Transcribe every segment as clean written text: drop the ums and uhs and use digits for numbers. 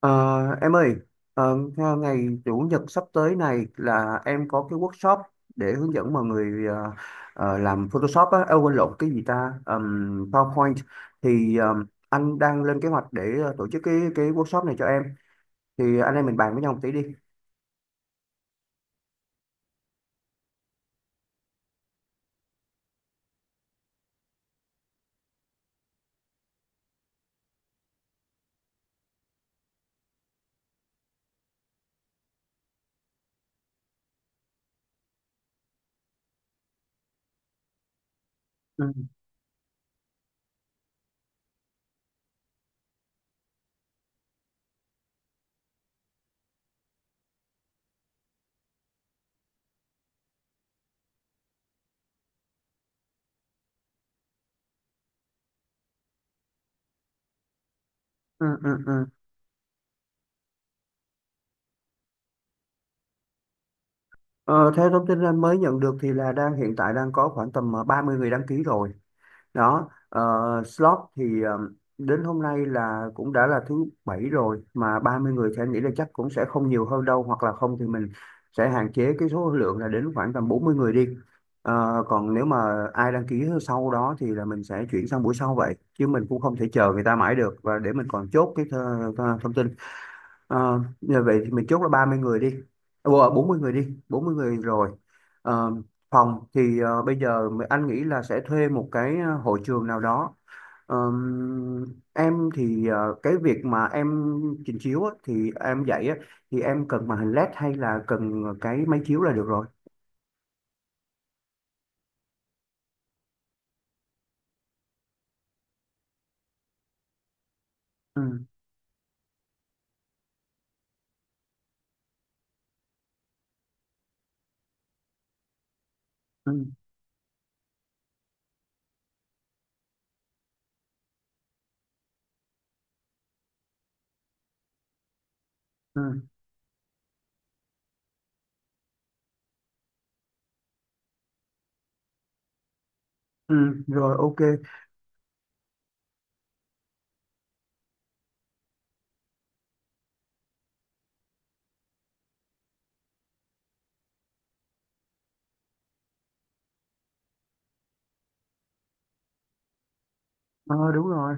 Ờ, em ơi, theo ngày Chủ nhật sắp tới này là em có cái workshop để hướng dẫn mọi người làm Photoshop á. À, quên, lộn cái gì ta? PowerPoint. Thì anh đang lên kế hoạch để tổ chức cái workshop này cho em. Thì anh em mình bàn với nhau một tí đi. Ừ, ừ, ừ, ừ. Ờ, theo thông tin anh mới nhận được thì là hiện tại đang có khoảng tầm 30 người đăng ký rồi. Đó, slot thì, đến hôm nay là cũng đã là thứ Bảy rồi, mà 30 người thì anh nghĩ là chắc cũng sẽ không nhiều hơn đâu, hoặc là không thì mình sẽ hạn chế cái số lượng là đến khoảng tầm 40 người đi. Còn nếu mà ai đăng ký sau đó thì là mình sẽ chuyển sang buổi sau, vậy chứ mình cũng không thể chờ người ta mãi được, và để mình còn chốt cái th th thông tin. Như vậy thì mình chốt là 30 người đi. À, quên, 40 người đi, 40 người rồi. Ờ, phòng thì, bây giờ mà anh nghĩ là sẽ thuê một cái, hội trường nào đó. Ờm, em thì, cái việc mà em trình chiếu á, thì em dạy á, thì em cần màn hình LED hay là cần cái máy chiếu là được rồi. Ừ, ừ, ừ, ừ, rồi, ok. Ờ, đúng rồi.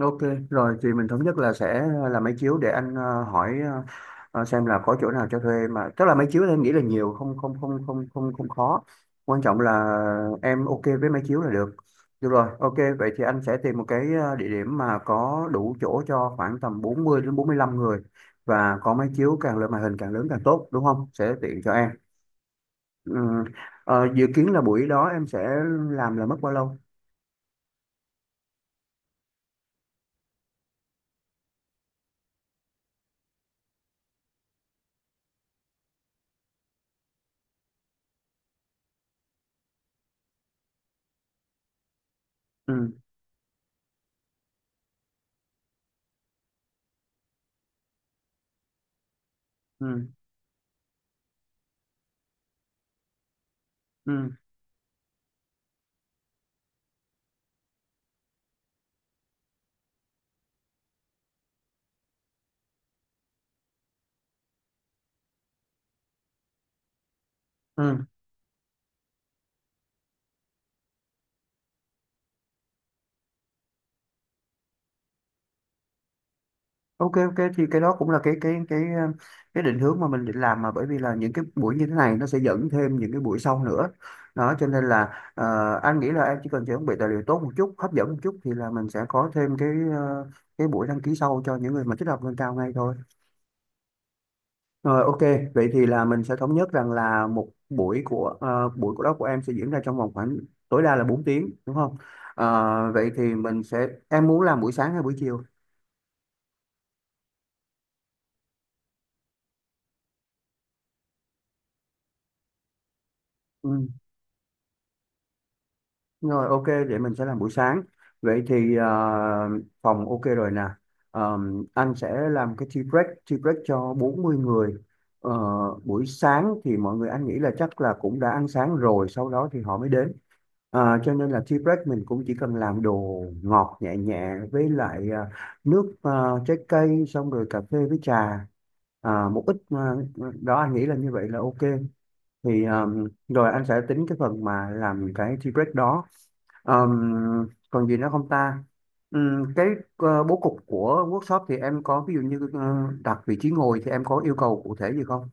Ok, rồi thì mình thống nhất là sẽ là máy chiếu, để anh hỏi, xem là có chỗ nào cho thuê. Mà tức là máy chiếu thì em nghĩ là nhiều, không không không không không không khó. Quan trọng là em ok với máy chiếu là được. Được rồi, ok, vậy thì anh sẽ tìm một cái, địa điểm mà có đủ chỗ cho khoảng tầm 40 đến 45 người, và có máy chiếu càng lớn, màn hình càng lớn càng tốt, đúng không? Sẽ tiện cho em. Ừ. Dự kiến là buổi đó em sẽ làm là mất bao lâu? Ừ. Ừ. Ừ. Ừ. Ok, ok, thì cái đó cũng là cái định hướng mà mình định làm. Mà bởi vì là những cái buổi như thế này nó sẽ dẫn thêm những cái buổi sau nữa đó, cho nên là, anh nghĩ là em chỉ cần chuẩn bị tài liệu tốt một chút, hấp dẫn một chút, thì là mình sẽ có thêm ờ, cái buổi đăng ký sau cho những người mà thích học nâng cao ngay thôi. Rồi, ok, vậy thì là mình sẽ thống nhất rằng là một buổi của đó của em sẽ diễn ra trong vòng khoảng tối đa là 4 tiếng, đúng không? Vậy thì mình sẽ em muốn làm buổi sáng hay buổi chiều? Ừ. Rồi, ok, vậy mình sẽ làm buổi sáng. Vậy thì, phòng ok rồi nè. Ờ, anh sẽ làm cái tea break cho 40 người. Ờ, buổi sáng thì mọi người, anh nghĩ là chắc là cũng đã ăn sáng rồi, sau đó thì họ mới đến. Cho nên là tea break mình cũng chỉ cần làm đồ ngọt nhẹ nhẹ, với lại nước, trái cây, xong rồi cà phê với trà. À, đó anh nghĩ là như vậy là ok. Thì rồi anh sẽ tính cái phần mà làm cái tea break đó. Um, còn gì nữa không ta? Cái, bố cục của workshop thì em có, ví dụ như đặt vị trí ngồi, thì em có yêu cầu cụ thể gì không,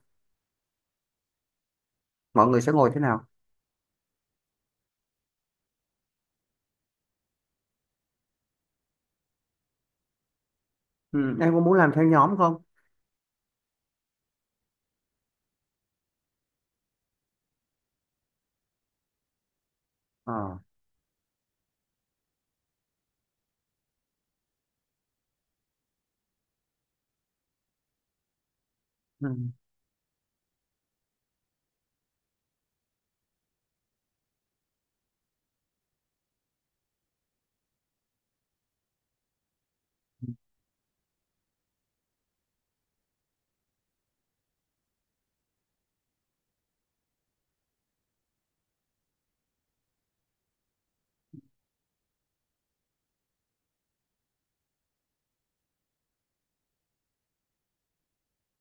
mọi người sẽ ngồi thế nào? Em có muốn làm theo nhóm không? Ờ, ừm,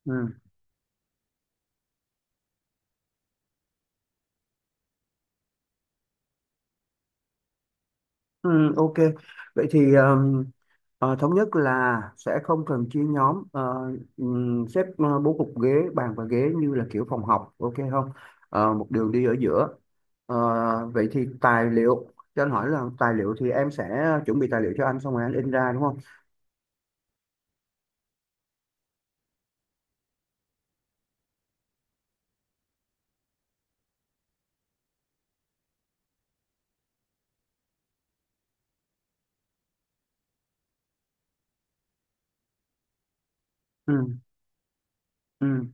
ừm. Ừ, ok. Vậy thì, thống nhất là sẽ không cần chia nhóm, xếp, bố cục ghế, bàn và ghế như là kiểu phòng học, ok không? Một đường đi ở giữa. Ờ, vậy thì tài liệu, cho anh hỏi là tài liệu thì em sẽ chuẩn bị tài liệu cho anh xong rồi anh in ra, đúng không? Ừ, ừ,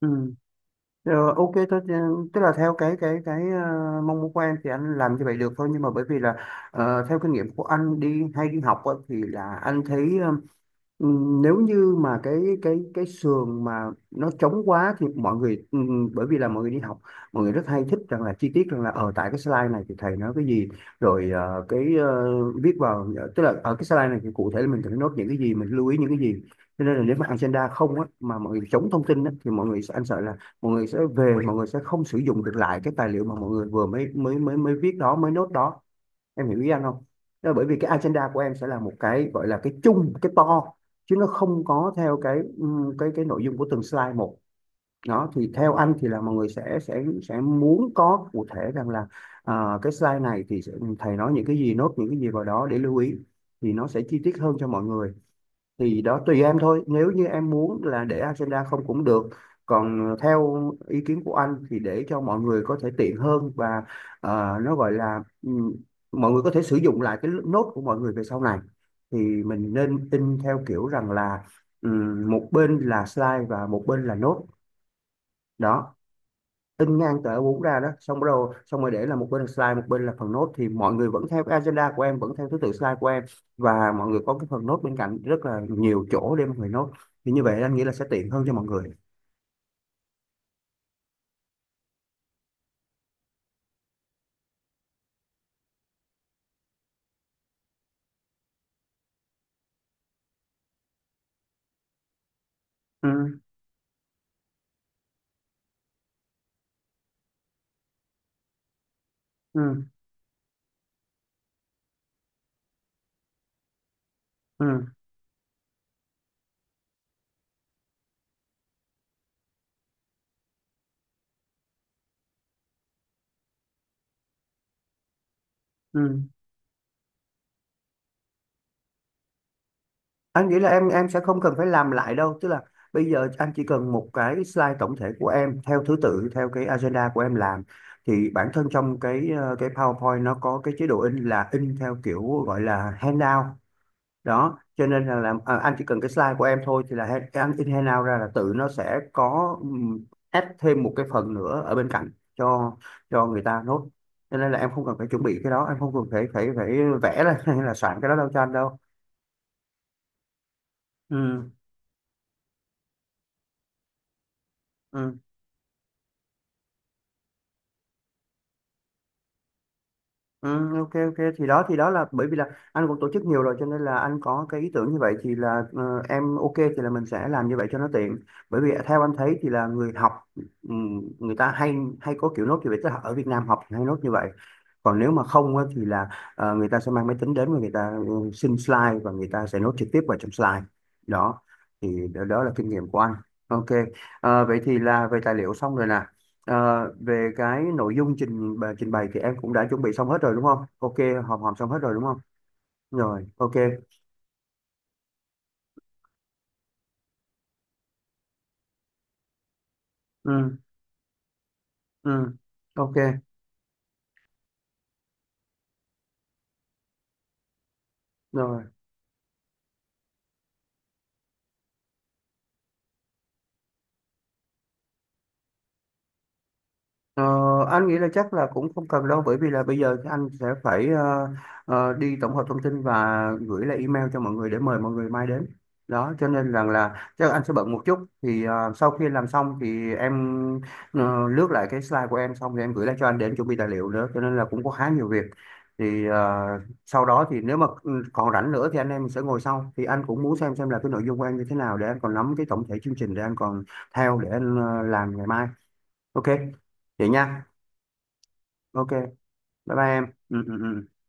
ừ. Ok thôi, tức là theo mong muốn của em thì anh làm như vậy được thôi, nhưng mà bởi vì là, theo kinh nghiệm của anh đi hay đi học á, thì là anh thấy, Ừ, nếu như mà cái sườn mà nó trống quá thì mọi người, bởi vì là mọi người đi học, mọi người rất hay thích rằng là chi tiết, rằng là ở tại cái slide này thì thầy nói cái gì, rồi viết vào, tức là ở cái slide này thì cụ thể là mình cần nốt những cái gì, mình lưu ý những cái gì, cho nên là nếu mà agenda không á, mà mọi người chống thông tin á, thì mọi người sẽ, anh sợ là mọi người sẽ về, mọi người sẽ không sử dụng được lại cái tài liệu mà mọi người vừa mới mới mới mới viết đó, mới nốt đó, em hiểu ý anh không? Đó là bởi vì cái agenda của em sẽ là một cái gọi là cái chung, cái to, chứ nó không có theo cái nội dung của từng slide một đó. Thì theo anh thì là mọi người sẽ muốn có cụ thể, rằng là à, cái slide này thì thầy nói những cái gì, nốt những cái gì vào đó để lưu ý, thì nó sẽ chi tiết hơn cho mọi người. Thì đó, tùy em thôi. Nếu như em muốn là để agenda không cũng được, còn theo ý kiến của anh thì để cho mọi người có thể tiện hơn, và, nó gọi là, mọi người có thể sử dụng lại cái nốt của mọi người về sau này, thì mình nên in theo kiểu rằng là, một bên là slide và một bên là nốt. Đó, in ngang tờ A4 ra đó, xong rồi để là một bên là slide, một bên là phần nốt, thì mọi người vẫn theo cái agenda của em, vẫn theo thứ tự slide của em, và mọi người có cái phần nốt bên cạnh rất là nhiều chỗ để mọi người nốt. Thì như vậy anh nghĩ là sẽ tiện hơn cho mọi người. Ừ, ừ, ừ, ừ. Anh nghĩ là em sẽ không cần phải làm lại đâu, tức là bây giờ anh chỉ cần một cái slide tổng thể của em theo thứ tự, theo cái agenda của em làm, thì bản thân trong cái PowerPoint nó có cái chế độ in là in theo kiểu gọi là handout đó. Cho nên là anh chỉ cần cái slide của em thôi, thì là cái anh in handout ra là tự nó sẽ có, add thêm một cái phần nữa ở bên cạnh cho người ta nốt. Cho nên là em không cần phải chuẩn bị cái đó, em không cần phải phải phải vẽ ra hay là soạn cái đó đâu cho anh đâu. Ừ. Ừ. Ừ, ok, ok, thì đó, là bởi vì là anh cũng tổ chức nhiều rồi, cho nên là anh có cái ý tưởng như vậy. Thì là, em ok thì là mình sẽ làm như vậy cho nó tiện. Bởi vì theo anh thấy thì là người học, người ta hay hay có kiểu nốt như vậy, tức là ở Việt Nam học hay nốt như vậy. Còn nếu mà không á, thì là người ta sẽ mang máy tính đến, và người ta xin slide và người ta sẽ nốt trực tiếp vào trong slide đó. Thì đó, đó là kinh nghiệm của anh. Ok. Vậy thì là về tài liệu xong rồi nè. Ờ, về cái nội dung trình bày thì em cũng đã chuẩn bị xong hết rồi, đúng không? Ok, hòm hòm xong hết rồi đúng không? Rồi, ok. Ừ, ừ, ok. Rồi. Ờ, anh nghĩ là chắc là cũng không cần đâu, bởi vì là bây giờ thì anh sẽ phải, đi tổng hợp thông tin và gửi lại email cho mọi người để mời mọi người mai đến đó. Cho nên rằng là chắc anh sẽ bận một chút, thì sau khi làm xong thì em, lướt lại cái slide của em xong thì em gửi lại cho anh để em chuẩn bị tài liệu nữa, cho nên là cũng có khá nhiều việc. Thì sau đó thì nếu mà còn rảnh nữa thì anh em sẽ ngồi sau, thì anh cũng muốn xem là cái nội dung của em như thế nào, để anh còn nắm cái tổng thể chương trình, để anh còn theo, để anh làm ngày mai. Ok, vậy nha. Ok, bye bye em. Ừ, ừ, ừ.